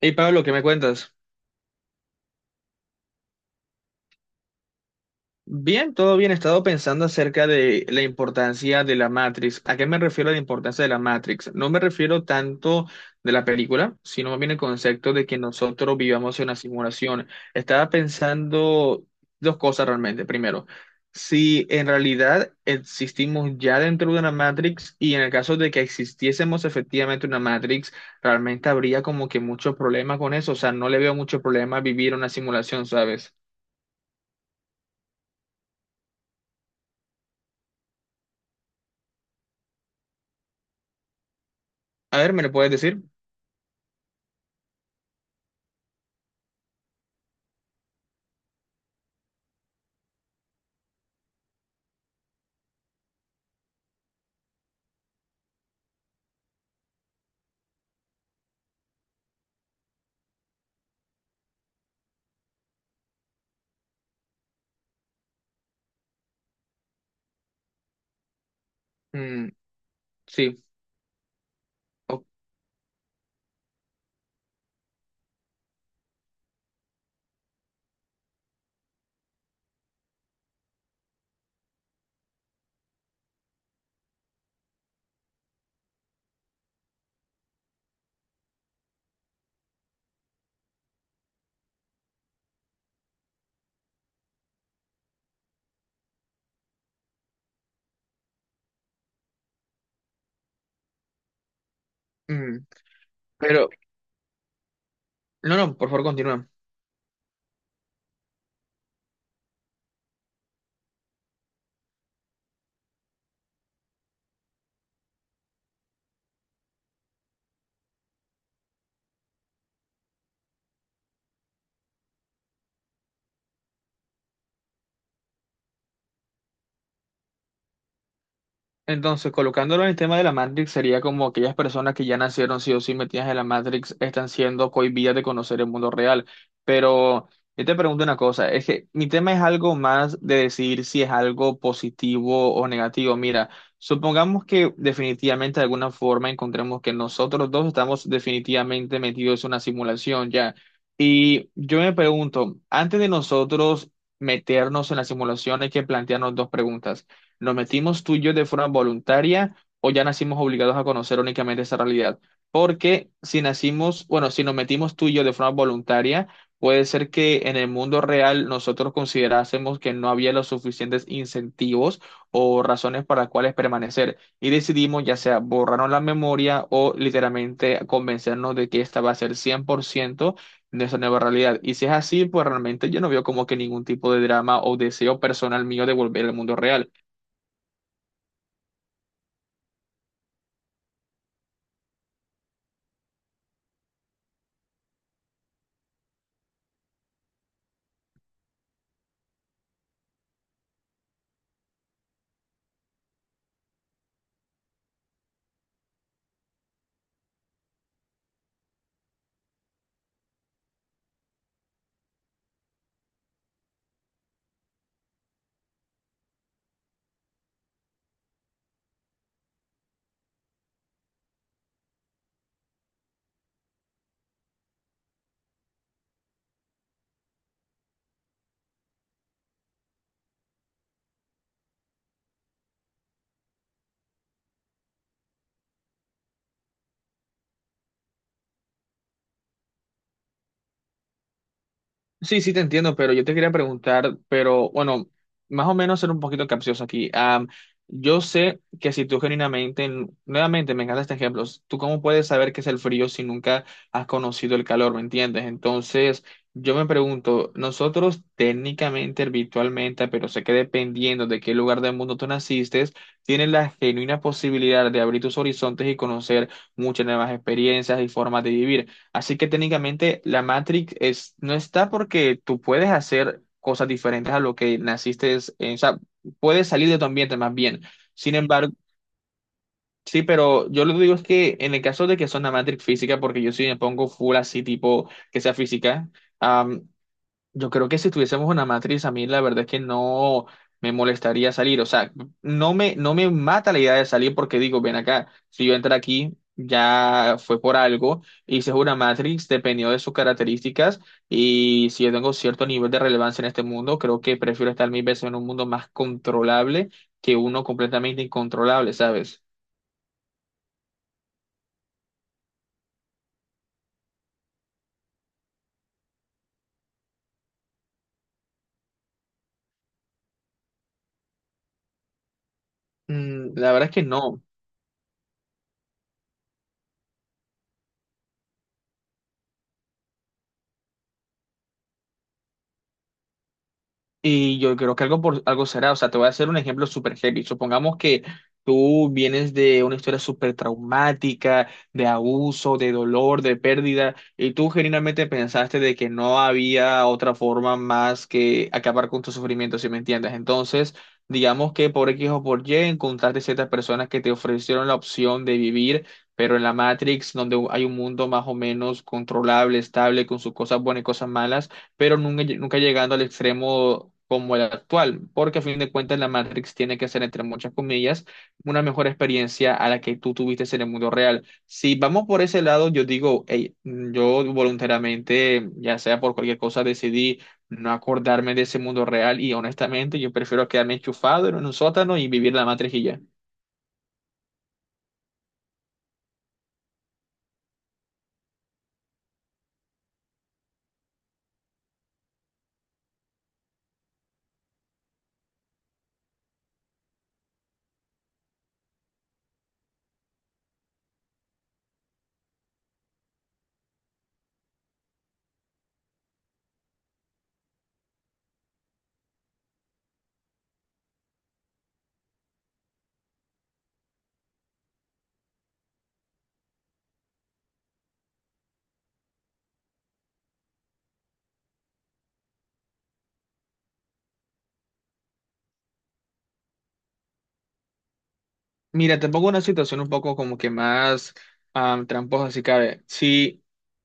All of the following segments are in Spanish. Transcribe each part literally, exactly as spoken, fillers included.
Hey Pablo, ¿qué me cuentas? Bien, todo bien. He estado pensando acerca de la importancia de la Matrix. ¿A qué me refiero a la importancia de la Matrix? No me refiero tanto de la película, sino más bien el concepto de que nosotros vivamos en una simulación. Estaba pensando dos cosas realmente. Primero, si en realidad existimos ya dentro de una Matrix y en el caso de que existiésemos efectivamente una Matrix, realmente habría como que muchos problemas con eso. O sea, no le veo mucho problema a vivir una simulación, ¿sabes? A ver, ¿me lo puedes decir? Mm, sí. O- mm, pero, no, no, por favor, continúa. Entonces, colocándolo en el tema de la Matrix, sería como aquellas personas que ya nacieron sí o sí metidas en la Matrix están siendo cohibidas de conocer el mundo real. Pero yo te pregunto una cosa, es que mi tema es algo más de decir si es algo positivo o negativo. Mira, supongamos que definitivamente de alguna forma encontremos que nosotros dos estamos definitivamente metidos en una simulación ya. Y yo me pregunto, antes de nosotros meternos en la simulación hay que plantearnos dos preguntas. ¿Nos metimos tú y yo de forma voluntaria o ya nacimos obligados a conocer únicamente esa realidad? Porque si nacimos, bueno, si nos metimos tú y yo de forma voluntaria, puede ser que en el mundo real nosotros considerásemos que no había los suficientes incentivos o razones para las cuales permanecer y decidimos ya sea borrarnos la memoria o literalmente convencernos de que esta va a ser cien por ciento de esa nueva realidad. Y si es así, pues realmente yo no veo como que ningún tipo de drama o deseo personal mío de volver al mundo real. Sí, sí, te entiendo, pero yo te quería preguntar, pero bueno, más o menos ser un poquito capcioso aquí. Am, yo sé que si tú genuinamente, nuevamente me encanta este ejemplo, tú cómo puedes saber qué es el frío si nunca has conocido el calor, ¿me entiendes? Entonces, yo me pregunto, nosotros técnicamente, virtualmente, pero sé que dependiendo de qué lugar del mundo tú naciste, tienes la genuina posibilidad de abrir tus horizontes y conocer muchas nuevas experiencias y formas de vivir. Así que técnicamente la Matrix es, no está porque tú puedes hacer cosas diferentes a lo que naciste, en- o sea, puedes salir de tu ambiente más bien. Sin embargo, sí, pero yo lo que digo es que en el caso de que sea una Matrix física, porque yo sí me pongo full así tipo que sea física, yo creo que si tuviésemos una matriz, a mí la verdad es que no me molestaría salir. O sea, no me, no me mata la idea de salir porque digo, ven acá, si yo entro aquí, ya fue por algo. Y si es una Matrix dependiendo de sus características y si yo tengo cierto nivel de relevancia en este mundo, creo que prefiero estar mil veces en un mundo más controlable que uno completamente incontrolable, ¿sabes? Mm, la verdad es que no. Y yo creo que algo, por, algo será, o sea, te voy a hacer un ejemplo súper heavy. Supongamos que tú vienes de una historia súper traumática, de abuso, de dolor, de pérdida, y tú genuinamente pensaste de que no había otra forma más que acabar con tu sufrimiento, si me entiendes. Entonces, digamos que por X o por Y encontraste ciertas personas que te ofrecieron la opción de vivir, pero en la Matrix, donde hay un mundo más o menos controlable, estable, con sus cosas buenas y cosas malas pero nunca, nunca llegando al extremo como el actual, porque a fin de cuentas la Matrix tiene que ser, entre muchas comillas, una mejor experiencia a la que tú tuviste en el mundo real. Si vamos por ese lado, yo digo, hey, yo voluntariamente, ya sea por cualquier cosa, decidí no acordarme de ese mundo real y honestamente yo prefiero quedarme enchufado en un sótano y vivir la Matrix y ya. Mira, te pongo una situación un poco como que más am, tramposa, si cabe. Si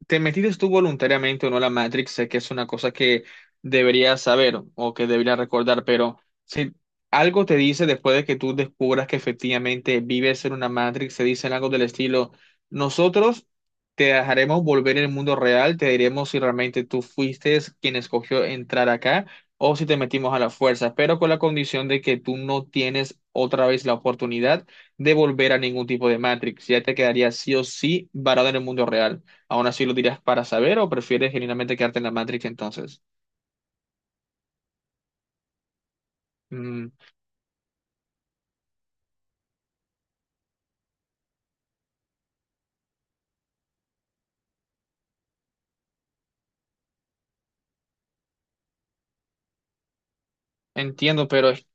te metiste tú voluntariamente o no a la Matrix, sé que es una cosa que deberías saber o que deberías recordar, pero si algo te dice después de que tú descubras que efectivamente vives en una Matrix, se dicen algo del estilo, nosotros te dejaremos volver al mundo real, te diremos si realmente tú fuiste quien escogió entrar acá o si te metimos a la fuerza, pero con la condición de que tú no tienes otra vez la oportunidad de volver a ningún tipo de Matrix. Ya te quedarías sí o sí varado en el mundo real. ¿Aún así lo dirías para saber o prefieres genuinamente quedarte en la Matrix entonces? Mm, entiendo, pero es...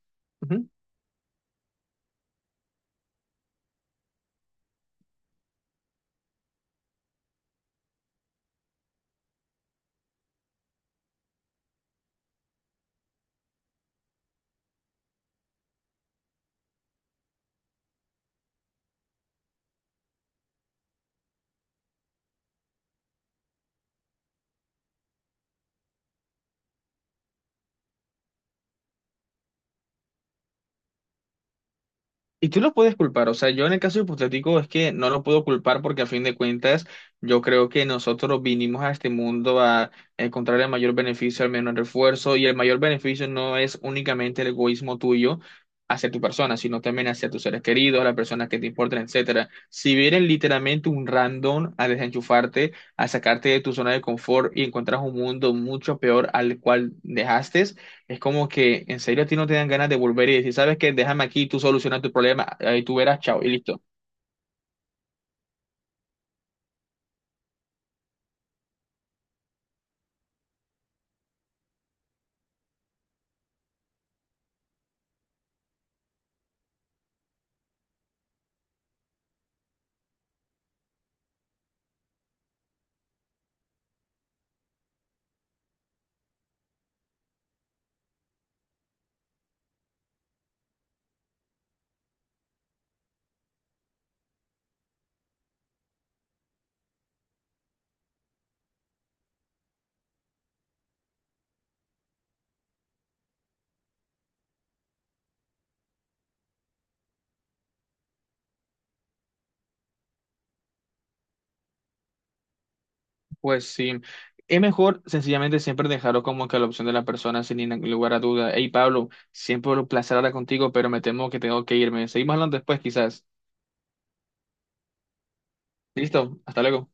Y tú lo puedes culpar, o sea, yo en el caso hipotético es que no lo puedo culpar porque a fin de cuentas yo creo que nosotros vinimos a este mundo a encontrar el mayor beneficio al menor esfuerzo y el mayor beneficio no es únicamente el egoísmo tuyo hacia tu persona, sino también hacia tus seres queridos, las personas que te importan, etcétera. Si vienen literalmente un random a desenchufarte, a sacarte de tu zona de confort y encuentras un mundo mucho peor al cual dejaste, es como que en serio a ti no te dan ganas de volver y decir, ¿sabes qué? Déjame aquí, tú solucionas tu problema, ahí tú verás, chao, y listo. Pues sí, es mejor sencillamente siempre dejarlo como que a la opción de la persona sin ningún lugar a duda. Hey, Pablo, siempre un placer hablar contigo, pero me temo que tengo que irme. Seguimos hablando después, quizás. Listo, hasta luego.